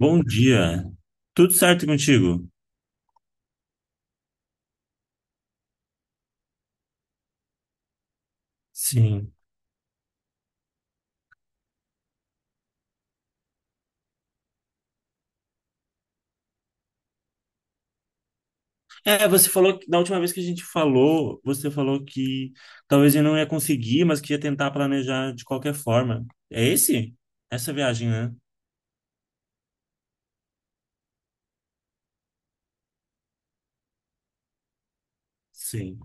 Bom dia. Tudo certo contigo? Sim. É, você falou que da última vez que a gente falou, você falou que talvez eu não ia conseguir, mas que ia tentar planejar de qualquer forma. É esse? Essa viagem, né? Sim.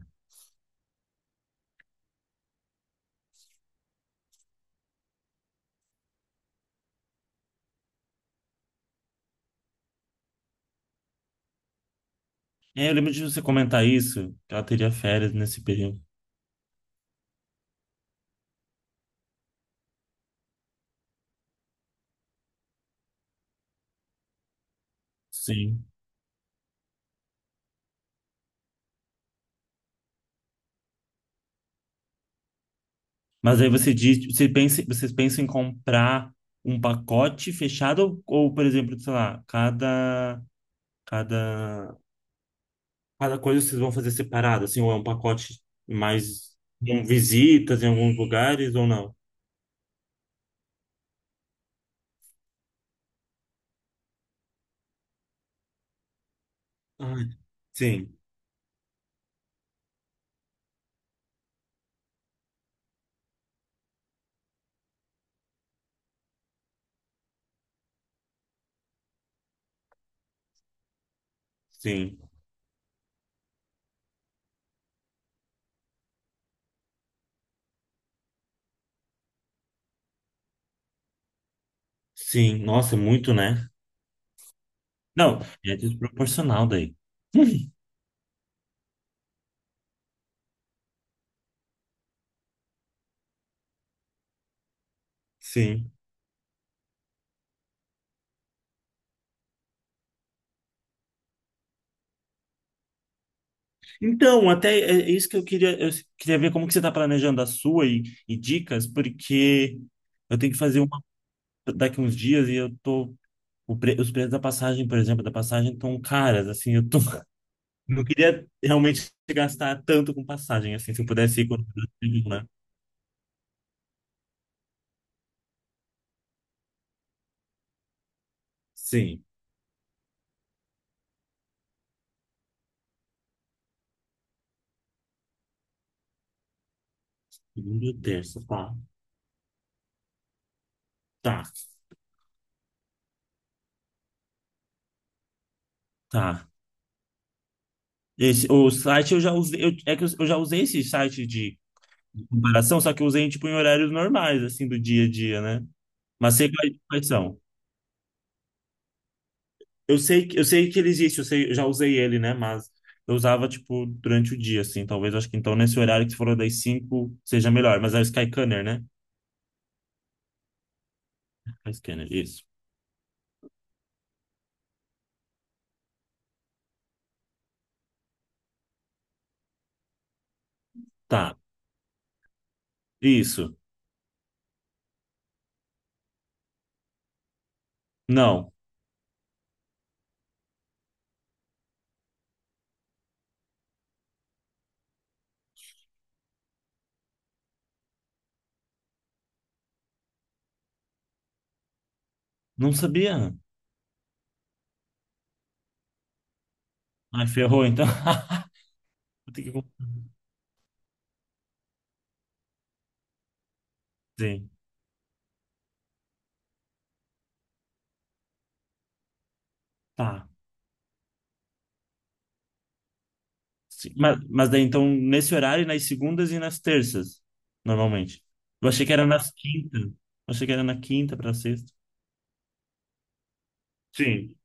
É, eu lembro de você comentar isso, que ela teria férias nesse período. Sim. Mas aí você diz, você pensa, vocês pensam em comprar um pacote fechado ou, por exemplo, sei lá, cada Cada coisa vocês vão fazer separado, assim, ou é um pacote mais com visitas em alguns lugares ou não? Ah, sim, sim, sim. Nossa, é muito, né? Não, é desproporcional daí. Sim. Então, até é isso que eu queria ver como que você está planejando a sua e dicas, porque eu tenho que fazer uma daqui uns dias e eu tô, os preços da passagem, por exemplo, da passagem estão caras, assim, eu tô. Não queria realmente gastar tanto com passagem, assim, se eu pudesse ir quando, né? Sim. Segunda ou terça, tá. Tá, tá. Esse, o site eu já usei, é que eu já usei esse site de comparação, só que eu usei, tipo, em horários normais, assim, do dia a dia, né? Mas sei quais são. Eu sei que ele existe, eu sei, eu já usei ele, né? Mas eu usava, tipo, durante o dia, assim, talvez, acho que então nesse horário que você falou das 5 seja melhor, mas é o Skyscanner, né? Skyscanner, isso. Tá, isso. Não. Não sabia. Ai, ferrou, então. Vou ter que fazer. Tá. Sim. Mas daí, então, nesse horário, nas segundas e nas terças, normalmente. Eu achei que era nas quintas. Eu achei que era na quinta pra sexta. Sim.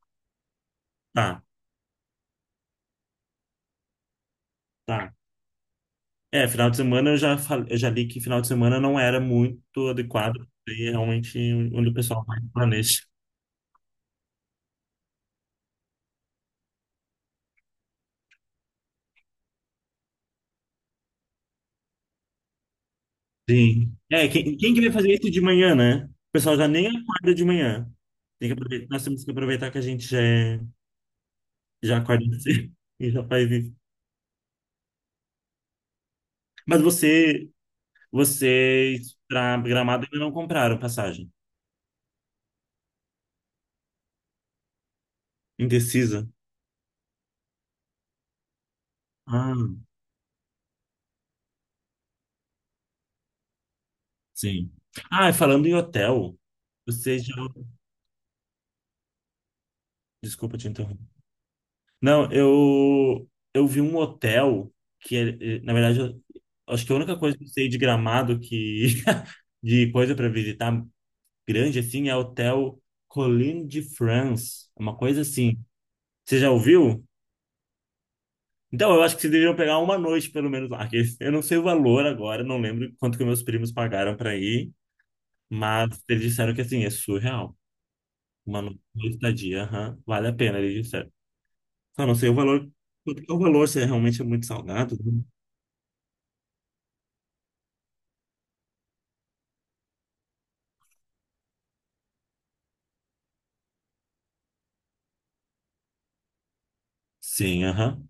Tá, tá. É, final de semana eu já li que final de semana não era muito adequado, e é realmente onde o pessoal mais planeja. Sim. É, quem que vai fazer isso de manhã, né? O pessoal já nem acorda de manhã. Tem que aproveitar, nós temos que aproveitar. Que a gente já é Já acorda cedo e já faz isso. Mas vocês para Gramado ainda não compraram passagem. Indecisa? Ah, sim. Ah, e falando em hotel, você já. Desculpa te interromper. Não, eu vi um hotel que, é, na verdade, acho que a única coisa que eu sei de Gramado que. De coisa para visitar grande assim é Hotel Colline de France. É uma coisa assim. Você já ouviu? Então, eu acho que vocês deveriam pegar uma noite, pelo menos, lá, que eu não sei o valor agora, não lembro quanto que meus primos pagaram para ir, mas eles disseram que, assim, é surreal. Uma noite de estadia, aham, vale a pena, eles disseram. Só não sei o valor, quanto que é o valor, se é realmente muito salgado, né? Sim, aham.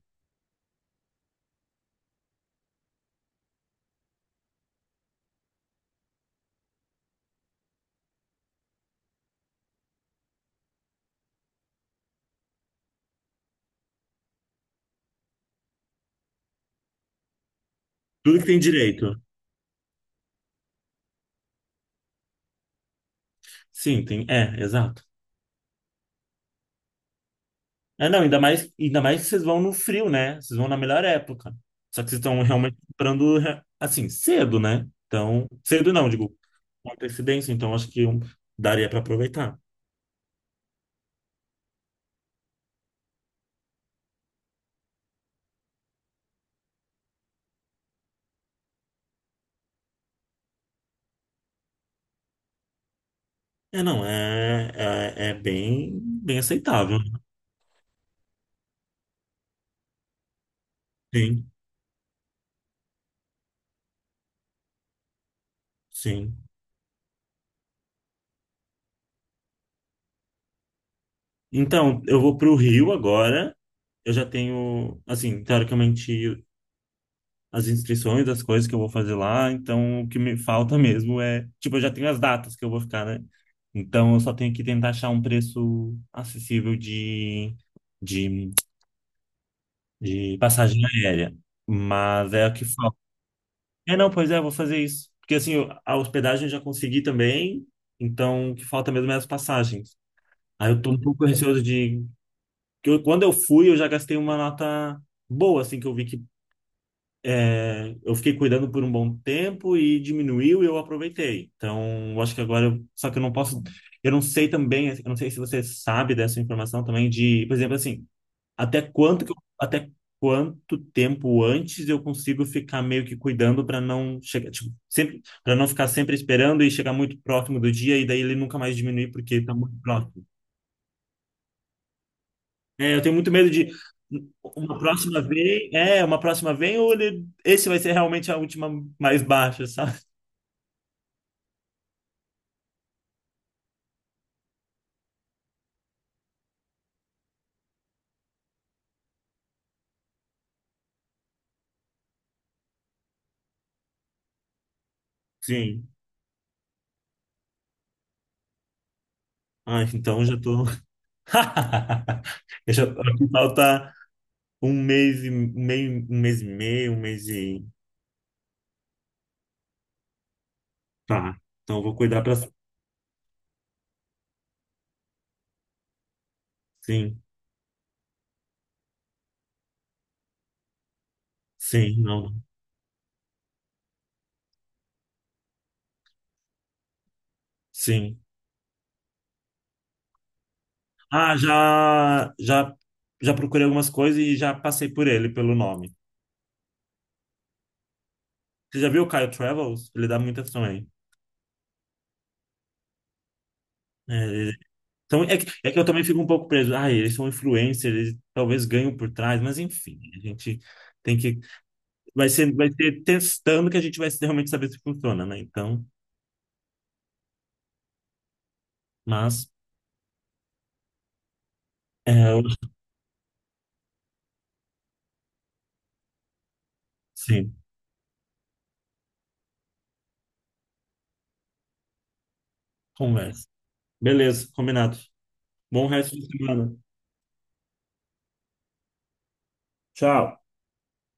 Tudo que tem direito. Sim, tem, é, exato. É, não, ainda mais que vocês vão no frio, né? Vocês vão na melhor época. Só que vocês estão realmente comprando, assim, cedo, né? Então, cedo não, digo, uma antecedência, então acho que daria para aproveitar. É, não, é bem, bem aceitável. Sim, sim. Então, eu vou para o Rio agora. Eu já tenho, assim, teoricamente, as inscrições, as coisas que eu vou fazer lá. Então, o que me falta mesmo é, tipo, eu já tenho as datas que eu vou ficar, né? Então, eu só tenho que tentar achar um preço acessível de de passagem aérea. Mas é o que falta. É, não, pois é, eu vou fazer isso. Porque assim, a hospedagem eu já consegui também, então o que falta mesmo é as passagens. Aí eu tô um pouco receoso de. Quando eu fui, eu já gastei uma nota boa, assim, que eu vi que é, eu fiquei cuidando por um bom tempo e diminuiu e eu aproveitei. Então, eu acho que agora. Só que eu não posso. Eu não sei se você sabe dessa informação também, de, por exemplo, assim. Até quanto tempo antes eu consigo ficar meio que cuidando para não chegar, tipo, sempre para não ficar sempre esperando e chegar muito próximo do dia e daí ele nunca mais diminuir porque tá muito próximo. É, eu tenho muito medo de uma próxima vez ou ele, esse vai ser realmente a última mais baixa, sabe? Sim. Ah, então já tô. Eu já tô aqui, falta um mês e um meio, um mês e meio, um mês e tá. Então eu vou cuidar para. Sim. Sim, não. Sim. Ah, já procurei algumas coisas e já passei por ele, pelo nome. Você já viu o Caio Travels? Ele dá muitas também. É, então, é que eu também fico um pouco preso. Ah, eles são influencers, eles talvez ganham por trás, mas enfim, a gente tem que. Vai ser testando que a gente vai realmente saber se funciona, né? Então, mas, é, eu- sim, conversa. Beleza, combinado. Bom resto de semana. Tchau.